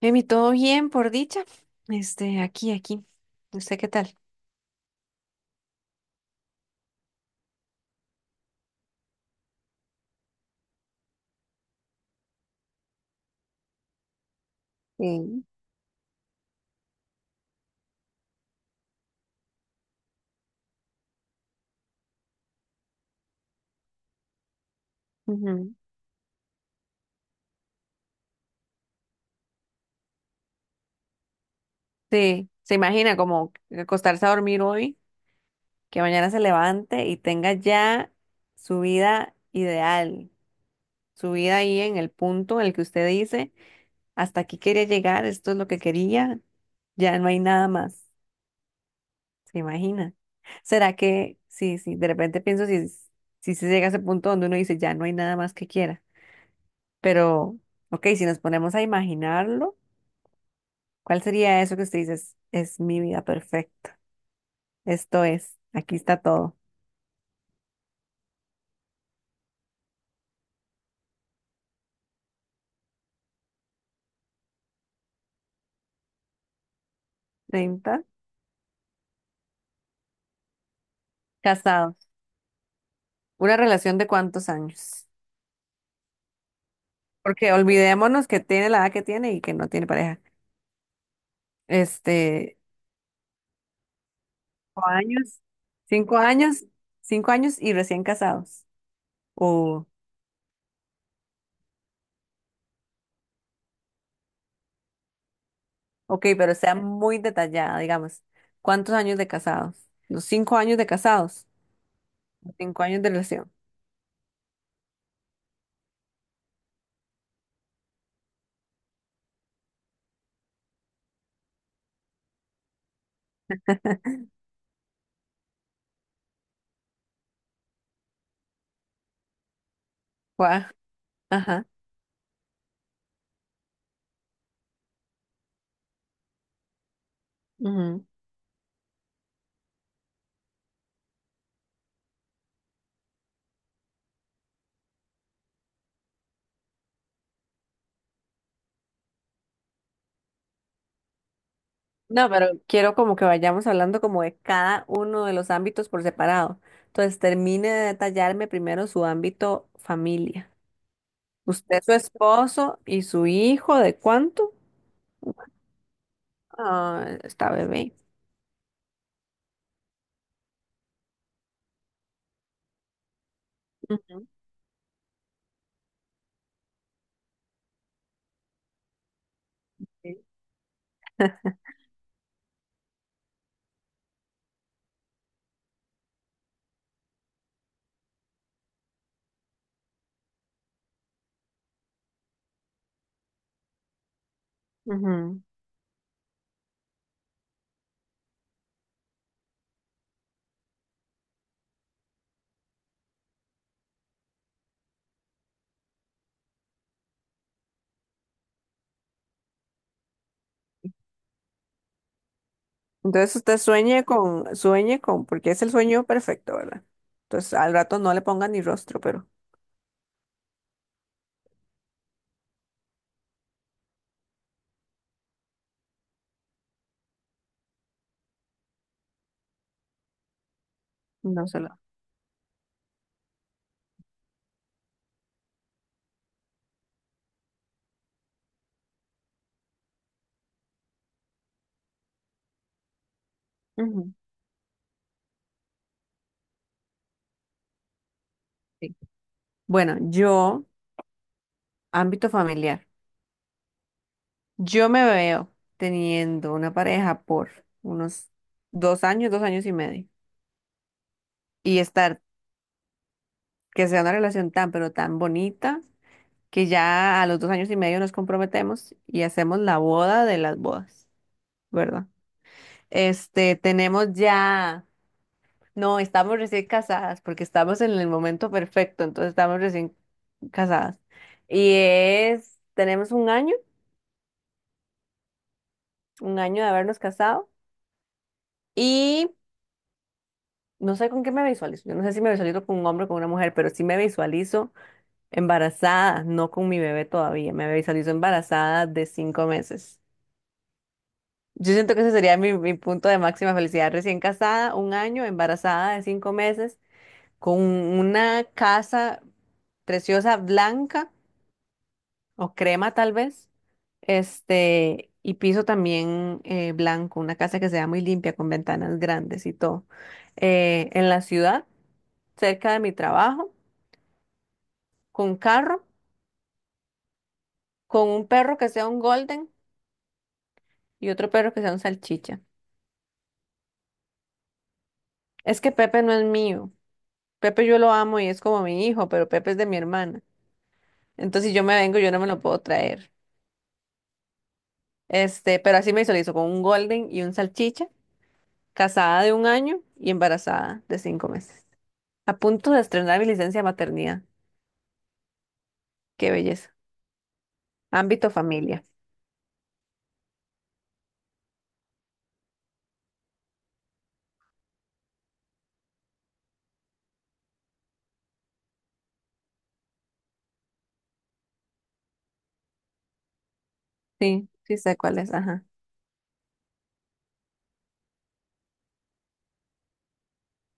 Emi, todo bien, por dicha. Aquí, aquí. ¿Usted qué tal? Sí. Ujú. Sí, se imagina como acostarse a dormir hoy, que mañana se levante y tenga ya su vida ideal, su vida ahí en el punto en el que usted dice, hasta aquí quería llegar, esto es lo que quería, ya no hay nada más. ¿Se imagina? ¿Será que, sí, sí, de repente pienso si se llega a ese punto donde uno dice, ya no hay nada más que quiera? Pero, ok, si nos ponemos a imaginarlo, ¿cuál sería eso que usted dice? Es mi vida perfecta. Esto es, aquí está todo. 30. Casados. ¿Una relación de cuántos años? Porque olvidémonos que tiene la edad que tiene y que no tiene pareja. Este, 5 años, 5 años, cinco años y recién casados. O, ok, pero sea muy detallada, digamos. ¿Cuántos años de casados? ¿Los 5 años de casados? ¿Los cinco años de relación? Guau. Ajá. Ujú. No, pero quiero como que vayamos hablando como de cada uno de los ámbitos por separado. Entonces, termine de detallarme primero su ámbito familia. Usted, su esposo y su hijo, ¿de cuánto? Ah, está bebé. Ujú, sí. Ujú. Entonces usted sueñe con, porque es el sueño perfecto, ¿verdad? Entonces al rato no le ponga ni rostro, pero no se lo. Ujú, sí. Bueno, yo, ámbito familiar. Yo me veo teniendo una pareja por unos 2 años, 2 años y medio. Y estar, que sea una relación tan, pero tan bonita, que ya a los 2 años y medio nos comprometemos y hacemos la boda de las bodas, ¿verdad? Tenemos ya, no, estamos recién casadas porque estamos en el momento perfecto, entonces estamos recién casadas. Y es, tenemos un año de habernos casado. No sé con qué me visualizo. Yo no sé si me visualizo con un hombre o con una mujer, pero sí me visualizo embarazada, no con mi bebé todavía. Me visualizo embarazada de 5 meses. Yo siento que ese sería mi punto de máxima felicidad. Recién casada, un año, embarazada de 5 meses, con una casa preciosa blanca o crema tal vez. Y piso también blanco, una casa que sea muy limpia, con ventanas grandes y todo. En la ciudad, cerca de mi trabajo con carro, con un perro que sea un golden y otro perro que sea un salchicha. Es que Pepe no es mío. Pepe yo lo amo y es como mi hijo, pero Pepe es de mi hermana. Entonces si yo me vengo, yo no me lo puedo traer. Pero así me visualizo con un golden y un salchicha, casada de un año y embarazada de 5 meses. A punto de estrenar mi licencia de maternidad. Qué belleza. Ámbito familia. Sí, sí sé cuál es, ajá.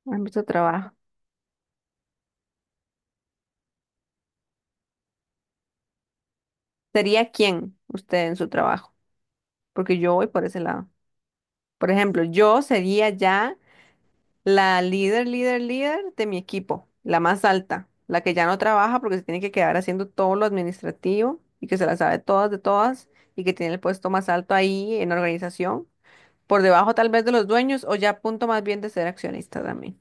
Ámbito trabajo. ¿Sería quién usted en su trabajo? Porque yo voy por ese lado. Por ejemplo, yo sería ya la líder, líder, líder de mi equipo, la más alta, la que ya no trabaja porque se tiene que quedar haciendo todo lo administrativo y que se la sabe todas de todas y que tiene el puesto más alto ahí en organización, por debajo tal vez de los dueños o ya a punto más bien de ser accionista también.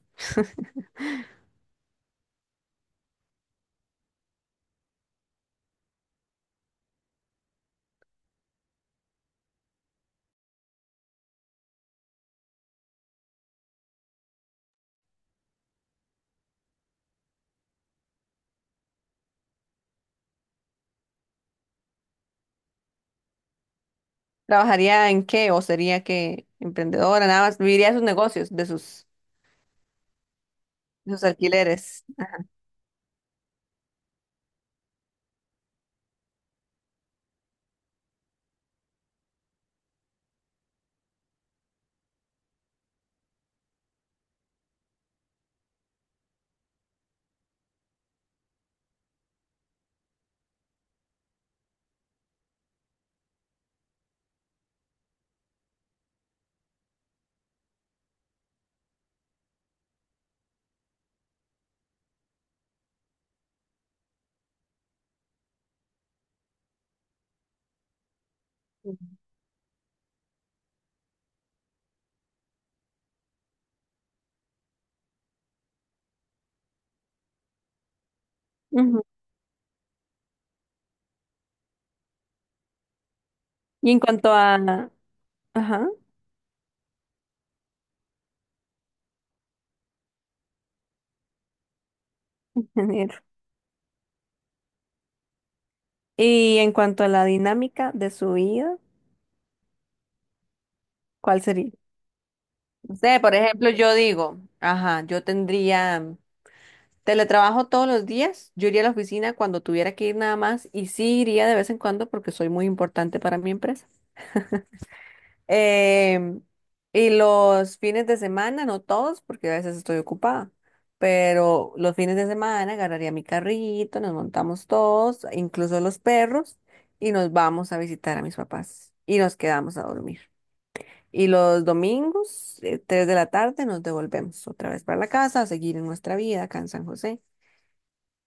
¿Trabajaría en qué o sería que emprendedora nada más? Viviría de sus negocios, de sus alquileres. Ujú. Y en cuanto a... Ajá, ingeniero. Y en cuanto a la dinámica de su vida. ¿Cuál sería? No sé, por ejemplo, yo digo, ajá, yo tendría teletrabajo todos los días, yo iría a la oficina cuando tuviera que ir nada más y sí iría de vez en cuando porque soy muy importante para mi empresa. Em, y los fines de semana, no todos, porque a veces estoy ocupada, pero los fines de semana agarraría mi carrito, nos montamos todos, incluso los perros, y nos vamos a visitar a mis papás y nos quedamos a dormir. Y los domingos, 3 de la tarde, nos devolvemos otra vez para la casa a seguir en nuestra vida acá en San José.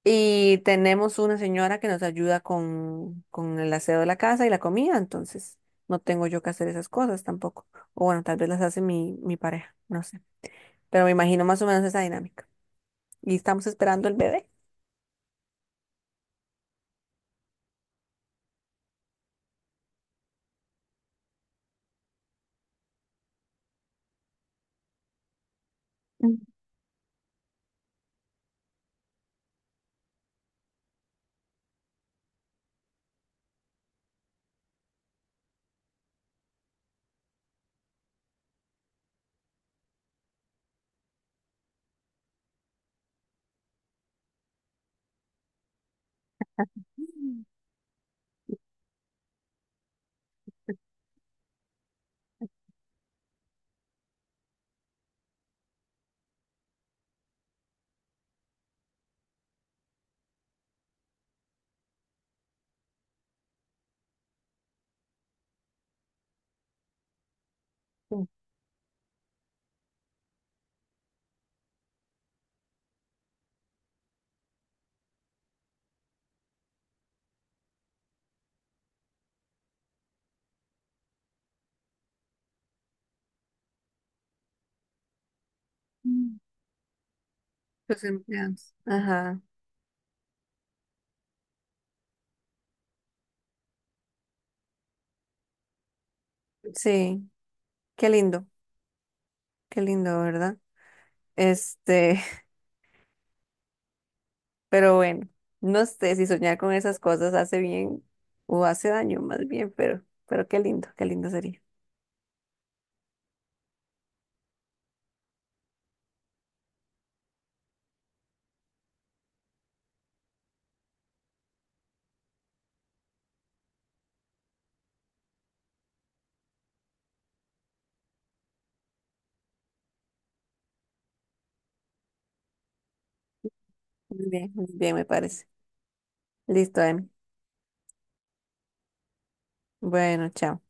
Y tenemos una señora que nos ayuda con el aseo de la casa y la comida, entonces no tengo yo que hacer esas cosas tampoco. O bueno, tal vez las hace mi pareja, no sé. Pero me imagino más o menos esa dinámica. Y estamos esperando el bebé. Ujú. Los empleados. Ajá, sí, qué lindo, qué lindo, ¿verdad? Este, Pero bueno, no sé si soñar con esas cosas hace bien o hace daño, más bien, pero, qué lindo sería. Muy bien, me parece. Listo, Em. Bueno, chao.